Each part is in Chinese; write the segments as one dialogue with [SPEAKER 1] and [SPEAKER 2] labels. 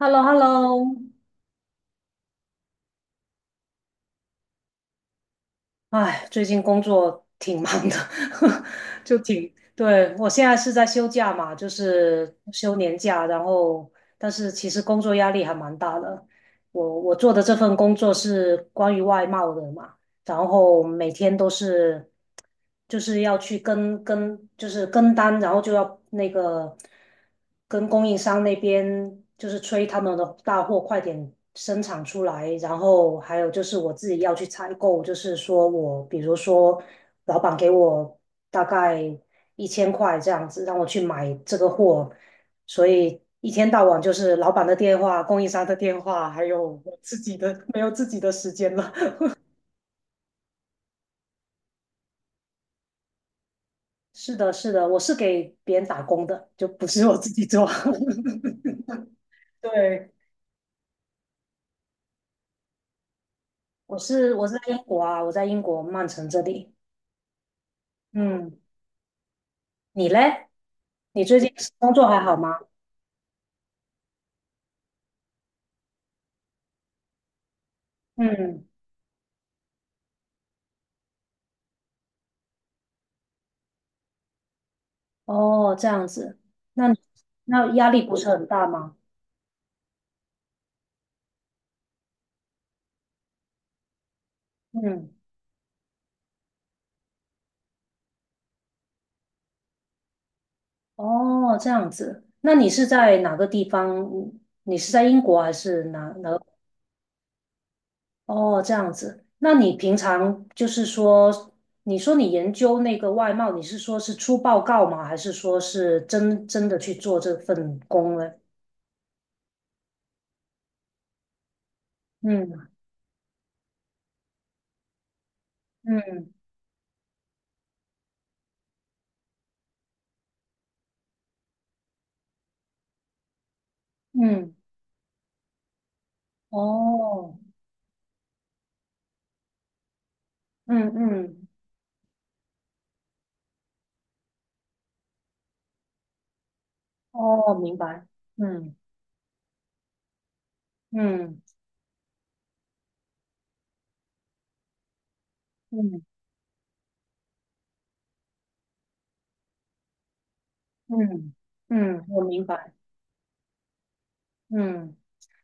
[SPEAKER 1] h e l l o h e l l o。 哎，最近工作挺忙的，就挺，对，我现在是在休假嘛，就是休年假，然后但是其实工作压力还蛮大的。我做的这份工作是关于外贸的嘛，然后每天都是就是要去跟就是跟单，然后就要那个跟供应商那边就是催他们的大货快点生产出来，然后还有就是我自己要去采购，就是说我比如说老板给我大概一千块这样子，让我去买这个货，所以，一天到晚就是老板的电话、供应商的电话，还有我自己的，没有自己的时间了。是的，是的，我是给别人打工的，就不是我自己做。对，我是在英国啊，我在英国曼城这里。嗯，你嘞？你最近工作还好吗？嗯，哦，这样子，那你那压力不是很大吗？嗯，哦，这样子，那你是在哪个地方？你是在英国还是哪？哦，这样子。那你平常就是说，你说你研究那个外贸，你是说是出报告吗？还是说是真真的去做这份工呢？嗯嗯嗯，哦，嗯嗯，哦，明白。嗯嗯嗯嗯嗯，我明白。嗯，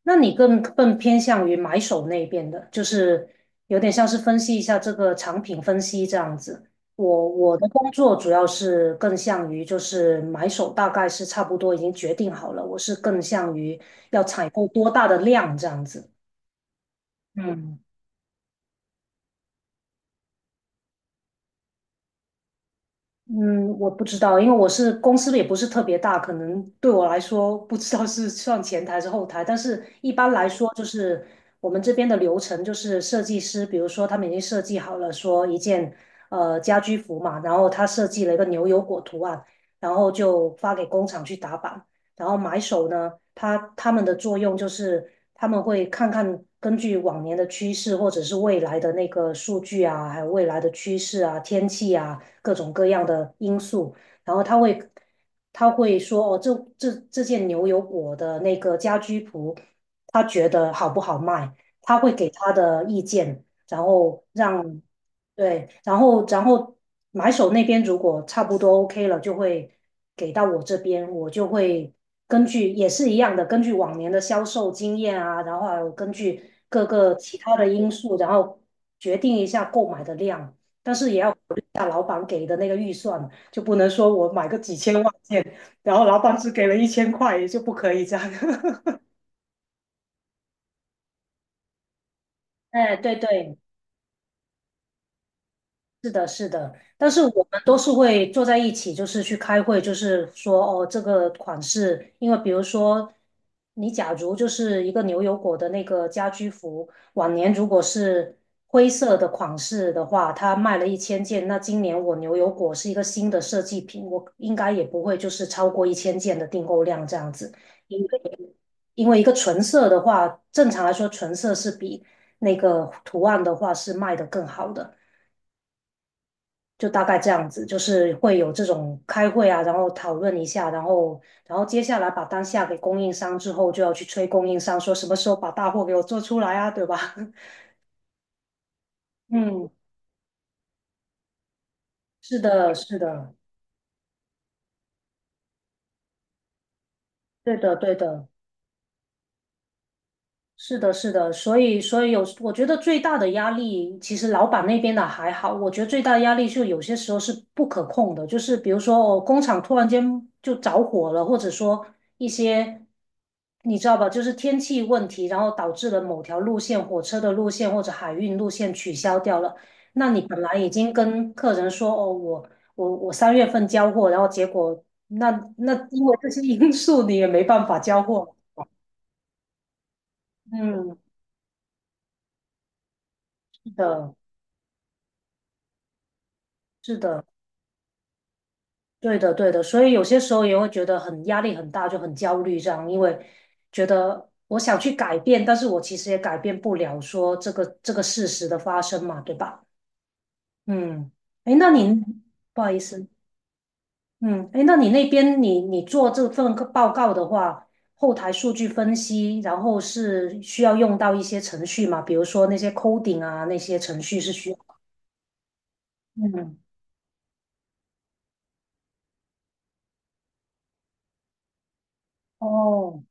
[SPEAKER 1] 那你更偏向于买手那边的，就是有点像是分析一下这个产品分析这样子。我的工作主要是更向于就是买手，大概是差不多已经决定好了，我是更向于要采购多大的量这样子。嗯嗯，我不知道，因为我是公司也不是特别大，可能对我来说不知道是算前台还是后台，但是一般来说就是我们这边的流程就是设计师，比如说他们已经设计好了说一件家居服嘛，然后他设计了一个牛油果图案，然后就发给工厂去打版，然后买手呢，他们的作用就是他们会看看根据往年的趋势或者是未来的那个数据啊，还有未来的趋势啊、天气啊各种各样的因素，然后他会说哦，这件牛油果的那个家居服，他觉得好不好卖，他会给他的意见，然后让对，然后买手那边如果差不多 OK 了，就会给到我这边，我就会根据也是一样的，根据往年的销售经验啊，然后还有根据各个其他的因素，然后决定一下购买的量，但是也要考虑一下老板给的那个预算，就不能说我买个几千万件，然后老板只给了一千块，也就不可以这样。哎，对对，是的，是的，但是我们都是会坐在一起，就是去开会，就是说哦，这个款式，因为比如说，你假如就是一个牛油果的那个家居服，往年如果是灰色的款式的话，它卖了一千件，那今年我牛油果是一个新的设计品，我应该也不会就是超过一千件的订购量这样子，因为因为一个纯色的话，正常来说纯色是比那个图案的话是卖的更好的。就大概这样子，就是会有这种开会啊，然后讨论一下，然后接下来把单下给供应商之后，就要去催供应商说什么时候把大货给我做出来啊，对吧？嗯，是的，是的，对的，对的。是的，是的，所以，所以有，我觉得最大的压力，其实老板那边的还好，我觉得最大的压力就有些时候是不可控的，就是比如说，哦，工厂突然间就着火了，或者说一些，你知道吧，就是天气问题，然后导致了某条路线、火车的路线或者海运路线取消掉了，那你本来已经跟客人说，哦，我3月份交货，然后结果那那因为这些因素，你也没办法交货，嗯，是的，是的。对的，对的，所以有些时候也会觉得很压力很大，就很焦虑这样，因为觉得我想去改变，但是我其实也改变不了说这个事实的发生嘛，对吧？嗯，哎，那你不好意思，嗯，哎，那你那边你做这份报告的话，后台数据分析，然后是需要用到一些程序嘛，比如说那些 coding 啊，那些程序是需要，嗯，哦，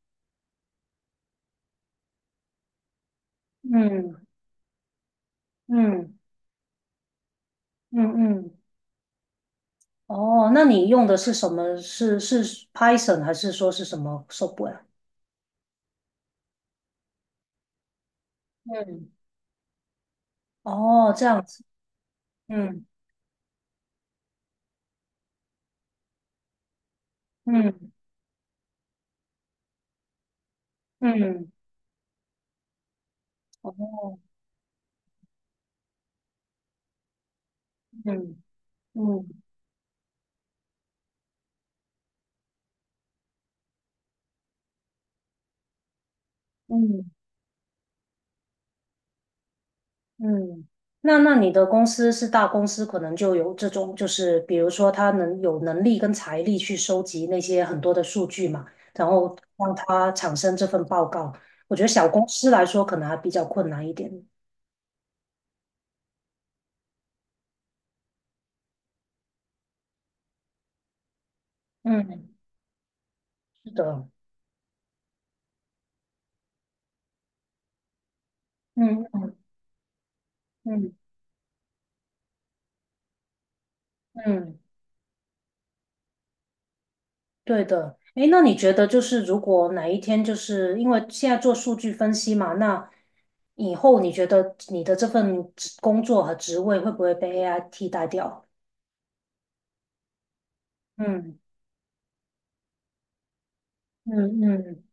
[SPEAKER 1] 嗯嗯嗯嗯。嗯哦，那你用的是什么？是 Python 还是说是什么 software？嗯，哦，这样子，嗯嗯嗯，哦，嗯嗯嗯嗯，那你的公司是大公司，可能就有这种，就是比如说他能有能力跟财力去收集那些很多的数据嘛，然后让他产生这份报告。我觉得小公司来说可能还比较困难一点。嗯，是的，嗯嗯嗯。对的，诶，那你觉得就是如果哪一天就是因为现在做数据分析嘛，那以后你觉得你的这份职工作和职位会不会被 AI 替代掉？嗯嗯嗯，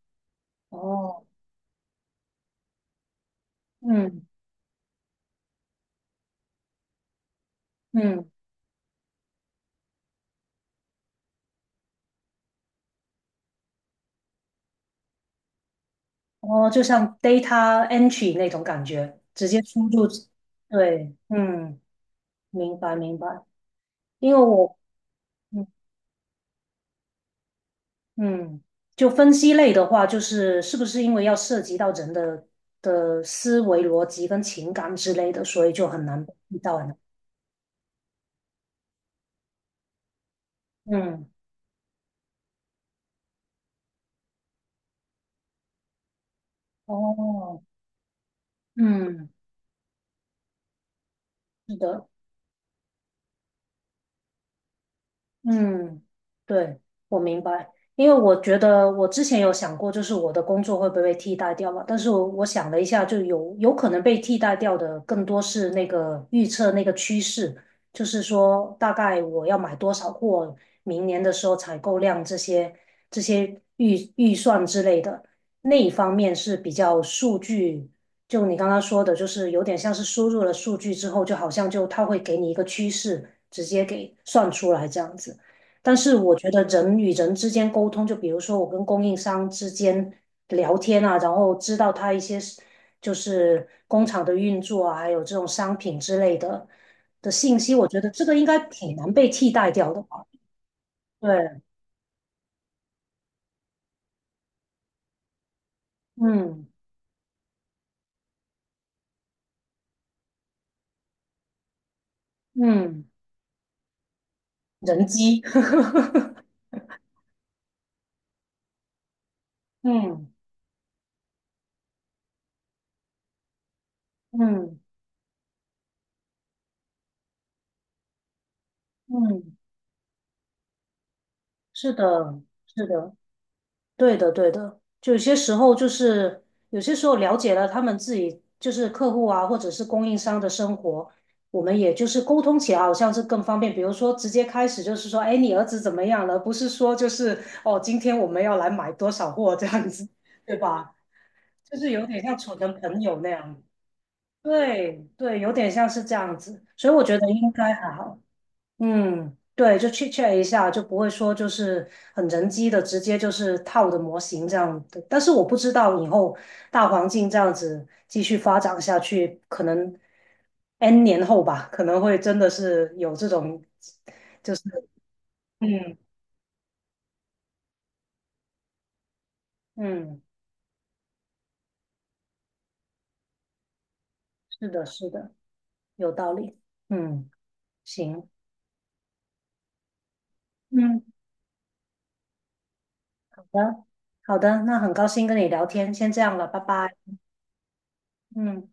[SPEAKER 1] 哦，嗯嗯，哦，就像 data entry 那种感觉，直接输入，对，嗯，明白明白，因为我。嗯。嗯，就分析类的话，就是是不是因为要涉及到人的思维逻辑跟情感之类的，所以就很难遇到呢？嗯，哦，嗯，是的。嗯，对，我明白，因为我觉得我之前有想过，就是我的工作会不会被替代掉嘛？但是我想了一下，就有可能被替代掉的，更多是那个预测那个趋势，就是说大概我要买多少货，明年的时候采购量这些预算之类的那一方面是比较数据，就你刚刚说的，就是有点像是输入了数据之后，就好像就它会给你一个趋势，直接给算出来这样子。但是我觉得人与人之间沟通，就比如说我跟供应商之间聊天啊，然后知道他一些就是工厂的运作啊，还有这种商品之类的信息，我觉得这个应该挺难被替代掉的吧？对，嗯嗯，人机，嗯嗯嗯，是的，是的。对的，对的，就有些时候就是有些时候了解了他们自己就是客户啊，或者是供应商的生活，我们也就是沟通起来好像是更方便。比如说直接开始就是说，哎，你儿子怎么样了？不是说就是哦，今天我们要来买多少货这样子，对吧？就是有点像处成朋友那样。对对，有点像是这样子，所以我觉得应该还好。嗯，对，就 chit chat 一下，就不会说就是很人机的，直接就是套的模型这样的。但是我不知道以后大环境这样子继续发展下去，可能 N 年后吧，可能会真的是有这种，嗯嗯，是的，是的，有道理。嗯，行，嗯，好的，好的，那很高兴跟你聊天，先这样了，拜拜。嗯。